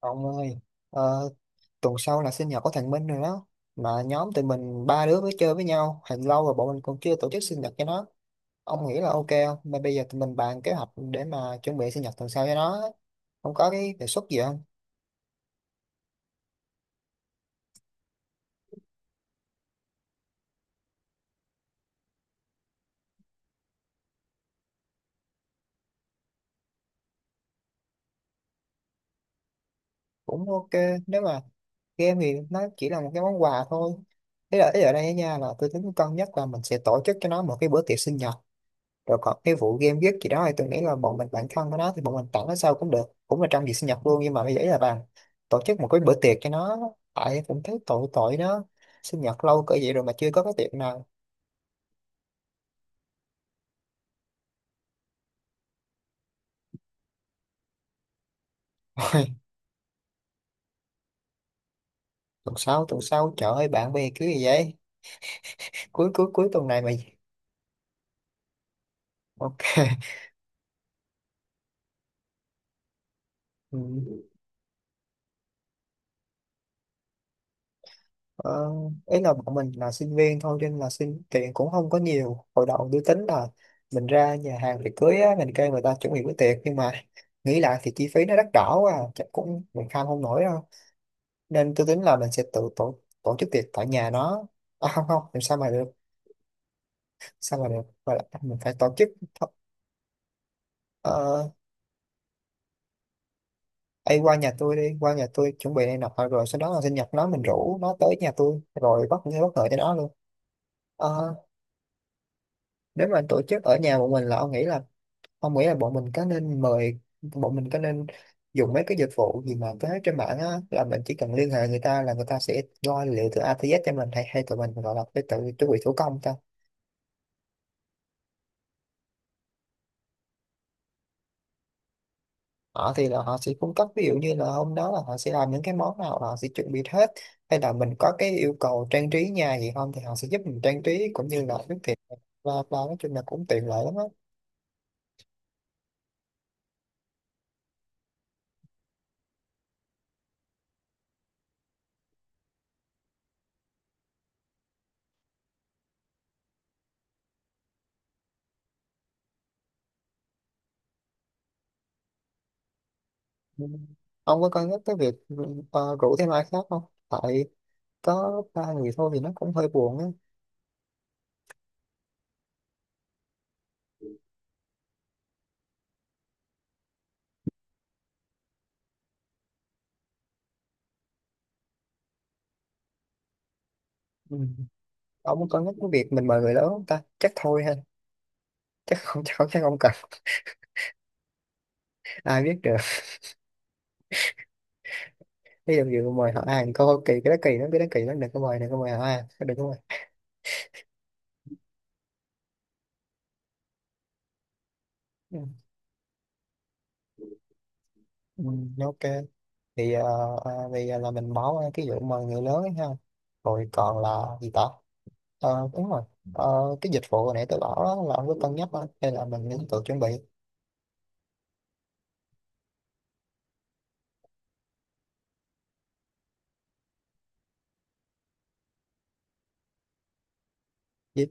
Ông ơi, ờ, tuần sau là sinh nhật của thằng Minh rồi đó. Mà nhóm tụi mình ba đứa mới chơi với nhau. Hình lâu rồi bọn mình còn chưa tổ chức sinh nhật cho nó. Ông nghĩ là ok không? Mà bây giờ tụi mình bàn kế hoạch để mà chuẩn bị sinh nhật tuần sau cho nó á. Ông có cái đề xuất gì không? Cũng ok. Nếu mà game thì nó chỉ là một cái món quà thôi. Thế là ý ở đây nha là tôi tính cân nhắc là mình sẽ tổ chức cho nó một cái bữa tiệc sinh nhật. Rồi còn cái vụ game viết gì đó thì tôi nghĩ là bọn mình bản thân của nó thì bọn mình tặng nó sau cũng được, cũng là trong dịp sinh nhật luôn. Nhưng mà bây giờ ý là bạn tổ chức một cái bữa tiệc cho nó, tại cũng thấy tội tội nó, sinh nhật lâu cỡ vậy rồi mà chưa có cái tiệc nào. Tuần sau trời ơi bạn bè cứ gì vậy. Cuối cuối cuối tuần này mà. Ok. Ừ. Ờ, Ý là bọn mình là sinh viên thôi cho nên là xin tiền cũng không có nhiều. Hồi đầu tôi tính là mình ra nhà hàng tiệc cưới á, mình kêu người ta chuẩn bị bữa tiệc, nhưng mà nghĩ lại thì chi phí nó đắt đỏ quá à, chắc cũng mình kham không nổi đâu. Nên tôi tính là mình sẽ tự tổ, tổ chức tiệc tại nhà nó. À, không không, làm sao mà được. Sao mà được. Và lại mình phải tổ chức. th- ờ, Ấy qua nhà tôi đi, qua nhà tôi chuẩn bị này nọ, rồi sau đó là sinh nhật nó mình rủ nó tới nhà tôi rồi bất ngờ cho nó luôn. Ờ, Nếu mà tổ chức ở nhà một mình là ông nghĩ là, ông nghĩ là bọn mình có nên mời, bọn mình có nên dùng mấy cái dịch vụ gì mà có hết trên mạng á, là mình chỉ cần liên hệ người ta là người ta sẽ lo liệu từ A tới Z cho mình, hay hay tụi mình gọi là phải tự chuẩn bị thủ công ta? Họ thì là họ sẽ cung cấp ví dụ như là hôm đó là họ sẽ làm những cái món nào là họ sẽ chuẩn bị hết, hay là mình có cái yêu cầu trang trí nhà gì không thì họ sẽ giúp mình trang trí cũng như là nước thiệt. Và nói chung là cũng tiện lợi lắm á. Ừ. Ông có cân nhắc cái việc rủ thêm ai khác không? Tại có ba người thôi thì nó cũng hơi buồn á. Ừ. Ông có nhắc cái việc mình mời người lớn không ta? Chắc thôi ha, chắc không, chắc không, chắc không cần. Ai biết được, ví dụ như mời họ ăn coi kỳ, cái đó kỳ lắm, cái đó kỳ lắm, đừng có mời, đừng có mời họ ăn, đừng có mời. Ừ. Ừ, ok thì thì là mình bỏ qua cái vụ mời người lớn ấy ha. Rồi còn là gì ta? Ờ, đúng rồi. Ờ, cái dịch vụ hồi nãy tôi bảo đó, là ông có cân nhắc không hay là mình nên tự chuẩn bị? Vì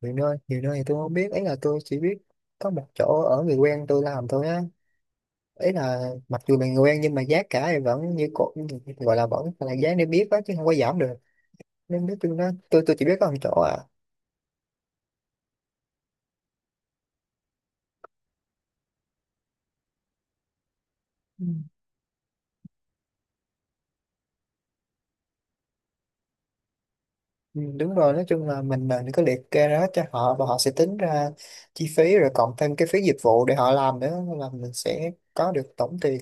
nhiều nơi, nhiều nơi thì tôi không biết ấy, là tôi chỉ biết có một chỗ ở người quen tôi làm thôi á. Ý là mặc dù mình quen nhưng mà giá cả thì vẫn như cũ, gọi là vẫn là giá niêm yết đó, chứ không có giảm được. Nên nói chung đó, tôi chỉ biết có một chỗ à. Ừ. Ừ, đúng rồi, nói chung là mình có liệt kê ra hết cho họ và họ sẽ tính ra chi phí, rồi cộng thêm cái phí dịch vụ để họ làm nữa, nên là mình sẽ có được tổng tiền.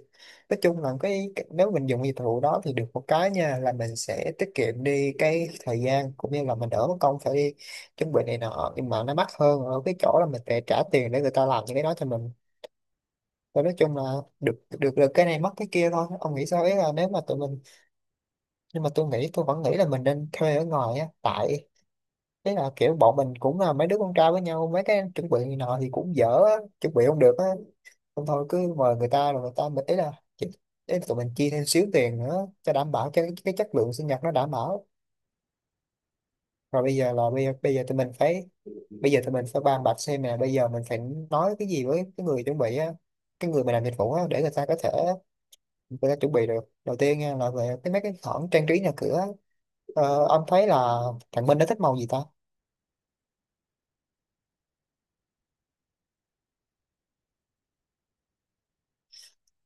Nói chung là cái nếu mình dùng dịch vụ đó thì được một cái nha, là mình sẽ tiết kiệm đi cái thời gian, cũng như là mình đỡ mất công phải đi chuẩn bị này nọ, nhưng mà nó mắc hơn ở cái chỗ là mình phải trả tiền để người ta làm những cái đó cho mình. Và nói chung là được, được, được cái này mất cái kia thôi. Ông nghĩ sao ấy là nếu mà tụi mình, nhưng mà tôi nghĩ, tôi vẫn nghĩ là mình nên thuê ở ngoài á. Tại thế là kiểu bọn mình cũng là mấy đứa con trai với nhau, mấy cái chuẩn bị này nọ thì cũng dở á, chuẩn bị không được á. Không thôi cứ mời người ta, rồi người ta mình ý là chỉ- ý là tụi mình chi thêm xíu tiền nữa cho đảm bảo cho cái chất lượng sinh nhật nó đảm bảo. Rồi bây giờ tụi mình phải, bây giờ tụi mình phải bàn bạc xem nè, bây giờ mình phải nói cái gì với cái người chuẩn bị á, cái người mà làm dịch vụ á, để người ta có thể. Tôi đã chuẩn bị được đầu tiên nha, là về cái mấy cái khoản trang trí nhà cửa. Ông thấy là thằng Minh nó thích màu gì ta?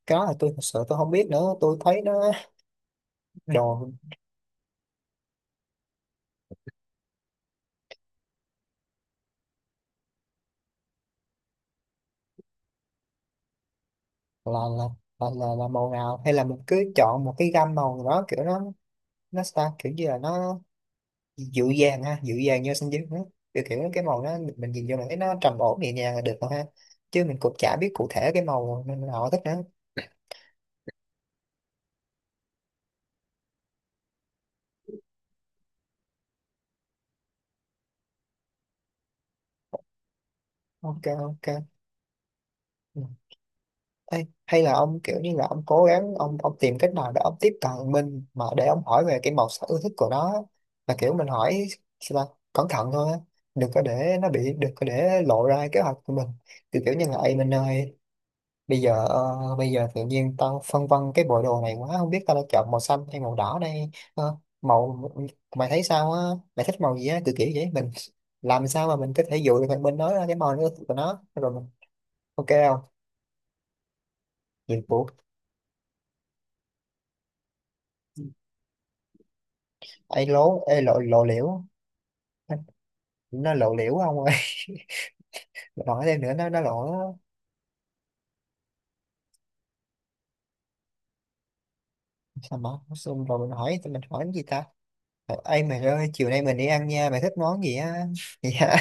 Cái đó là tôi thật sự tôi không biết nữa, tôi thấy nó đồ. Là là là là, là màu nào, hay là mình cứ chọn một cái gam màu nào đó kiểu nó sao kiểu như là nó dịu dàng ha, dịu dàng như xanh dương đó, kiểu kiểu cái màu đó mình nhìn vô là thấy nó trầm ổn nhẹ nhàng là được rồi ha, chứ mình cũng chả biết cụ thể cái màu nào thích nữa. Ok, ok. Ừ. Ê, hay là ông kiểu như là ông cố gắng ông, tìm cách nào để ông tiếp cận mình mà để ông hỏi về cái màu sắc ưa thích của nó á. Là kiểu mình hỏi sao ta? Cẩn thận thôi á, đừng có để nó bị, đừng có để lộ ra kế hoạch của mình. Kiểu kiểu như là "Ê Minh ơi, bây giờ bây giờ tự nhiên tao phân vân cái bộ đồ này quá, không biết tao đã chọn màu xanh hay màu đỏ đây. Ờ, Màu mày thấy sao á, mày thích màu gì á", kiểu kiểu vậy. Mình làm sao mà mình có thể dụ được thằng Minh nói ra cái màu nó ưa thích của nó rồi mình, ok không? Nhiệm vụ ấy lố, lộ lộ liễu. nó nó lộ liễu ông ơi. Mình hỏi thêm nữa nó lộ sao mà. Xong rồi mình hỏi, tụi mình hỏi cái gì ta? Ờ, ê mày ơi chiều nay mình đi ăn nha, mày thích món gì á? Dạ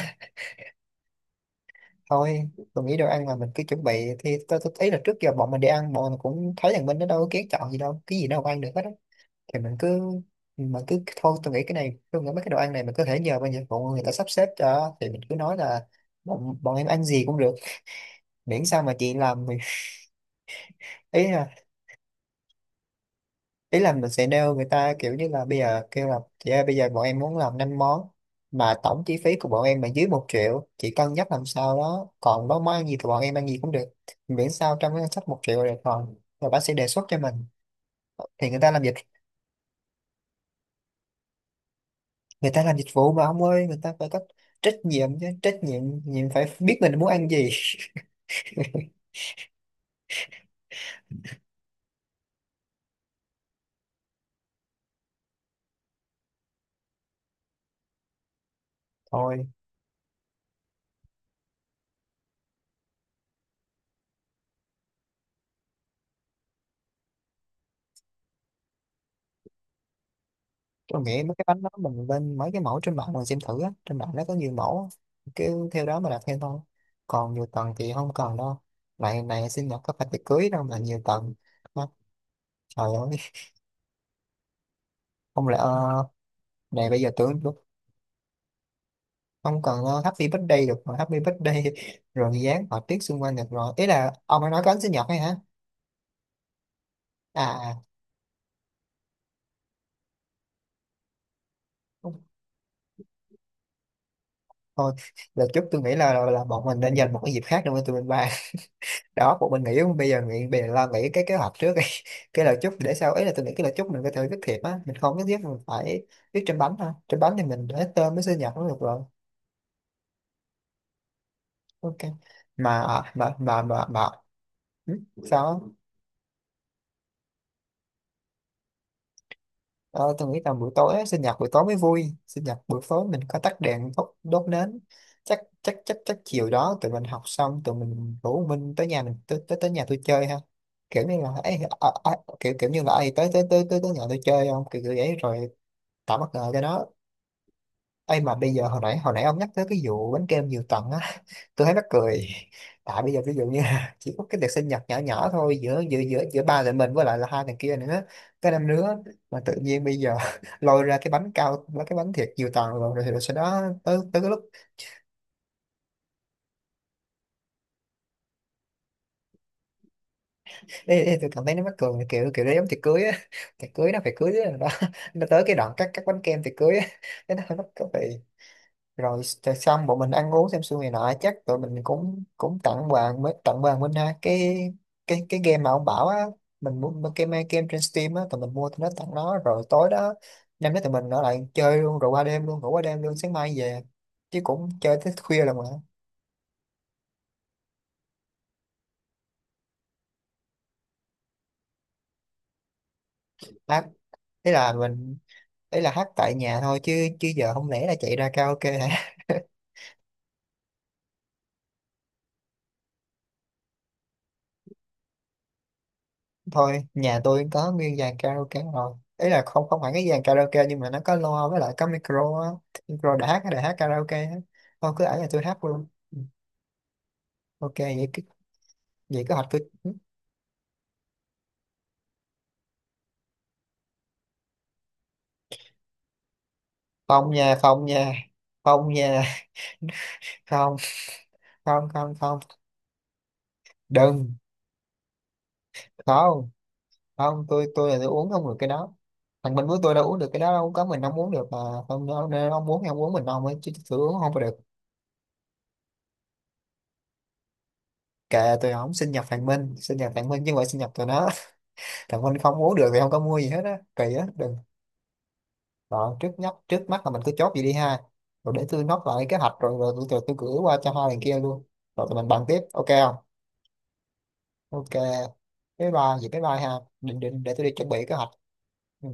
thôi, tôi nghĩ đồ ăn là mình cứ chuẩn bị, thì tôi thấy là trước giờ bọn mình đi ăn bọn mình cũng thấy rằng mình, nó đâu có kén chọn gì đâu, cái gì đâu ăn được hết á, thì mình cứ, mà cứ thôi tôi nghĩ cái này, tôi nghĩ mấy cái đồ ăn này mình có thể nhờ bên dịch vụ người ta sắp xếp cho, thì mình cứ nói là bọn em ăn gì cũng được, miễn sao mà chị làm thì. Ý Ý là mình sẽ nêu người ta kiểu như là bây giờ kêu là, chị ơi bây giờ bọn em muốn làm 5 món, mà tổng chi phí của bọn em là dưới 1.000.000, chị cân nhắc làm sao đó, còn đó món ăn gì thì bọn em ăn gì cũng được, miễn sao trong cái ngân sách 1.000.000 là được. Còn rồi bác sẽ đề xuất cho mình, thì người ta làm dịch, người ta làm dịch vụ mà ông ơi, người ta phải có trách nhiệm chứ, trách nhiệm nhiệm phải biết mình muốn ăn gì. Thôi tôi nghĩ mấy cái bánh đó mình lên mấy cái mẫu trên mạng mình xem thử á, trên mạng nó có nhiều mẫu á. Cứ theo đó mà đặt theo thôi. Còn nhiều tầng thì không cần đâu. Này này sinh nhật có phải tiệc cưới đâu mà nhiều tầng. Má, trời ơi, không lẽ này bây giờ tưởng lúc không cần, happy birthday được mà happy birthday rồi dán họa tiết xung quanh được rồi. Ý là ông ấy nói có bánh sinh nhật hay hả? à à, Thôi đợt chút tôi nghĩ là bọn mình nên dành một cái dịp khác để mà tụi mình ba đó. Một mình nghĩ bây giờ, lo nghĩ cái kế hoạch trước đi. Cái lời chúc để sau, ấy là tôi nghĩ cái lời chúc mình có thể viết thiệp á, mình không nhất thiết mình phải viết trên bánh ha. Trên bánh thì mình để tên với sinh nhật cũng được rồi. Ok. Mà à, mà mà mà, mà. Ừ, sao á? Ờ, tôi nghĩ là buổi tối á, sinh nhật buổi tối mới vui. Sinh nhật buổi tối mình có tắt đèn, đốt, nến. Chắc chắc chắc chắc chiều đó tụi mình học xong tụi mình rủ Minh tới nhà mình, tới tới, tới nhà tôi chơi ha. Kiểu như là ấy, kiểu kiểu như là ấy, tới tới tới tới tới nhà tôi chơi không, kiểu kiểu vậy rồi tạo bất ngờ cho nó. Ê mà bây giờ, hồi nãy ông nhắc tới cái vụ bánh kem nhiều tầng á, tôi thấy mắc cười. Tại bây giờ ví dụ như là chỉ có cái tiệc sinh nhật nhỏ nhỏ thôi, giữa giữa giữa giữa ba thằng mình với lại là hai thằng kia nữa, cái năm nữa. Mà tự nhiên bây giờ lôi ra cái bánh cao, cái bánh thiệt nhiều tầng, rồi rồi sau đó tới tới cái lúc ê, tôi cảm thấy nó mắc cười kiểu kiểu đấy, giống tiệc cưới á. Tiệc cưới nó phải cưới đó, nó tới cái đoạn cắt, bánh kem tiệc cưới á, cái nó hơi mắc cười. Rồi xong bọn mình ăn uống xem xuôi này nọ, chắc tụi mình cũng cũng tặng bạn, mới tặng bạn Minh ha, cái cái game mà ông bảo á. Mình muốn mua game, trên Steam á, tụi mình mua tụi nó tặng nó. Rồi tối đó, năm đó tụi mình ở lại chơi luôn rồi qua đêm luôn, ngủ qua đêm luôn, sáng mai về. Chứ cũng chơi tới khuya là mà. Hát, thế là mình, đấy là hát tại nhà thôi chứ, chứ giờ không lẽ là chạy ra karaoke hả? Thôi nhà tôi có nguyên dàn karaoke rồi, ý là không, không hẳn cái dàn karaoke nhưng mà nó có loa với lại có micro á, micro để hát, để hát karaoke á. Thôi cứ ở nhà tôi hát luôn. Ok vậy cứ, vậy cứ học cứ phòng nhà phòng nhà phòng nhà. Không, không, không, không. Đừng. Không không, tôi là tôi uống không được cái đó. Thằng Minh với tôi đâu uống được cái đó đâu, có mình không uống được mà. Không nên ông muốn thì ông uống mình ông ấy chứ tôi uống không có được. Kệ, tôi không, sinh nhật thằng Minh, sinh nhật thằng Minh chứ không phải sinh nhật tụi nó. Còn mình không uống được thì không có mua gì hết á, kỳ á, đừng. Đó, trước nhất, trước mắt là mình cứ chốt vậy đi ha. Rồi để tôi nốt lại kế hoạch rồi, tôi gửi qua cho hai thằng kia luôn. Rồi tụi mình bàn tiếp, ok không? Ok, bye bye vậy, bye bye ha. Định định để tôi đi chuẩn bị kế hoạch. Ừ.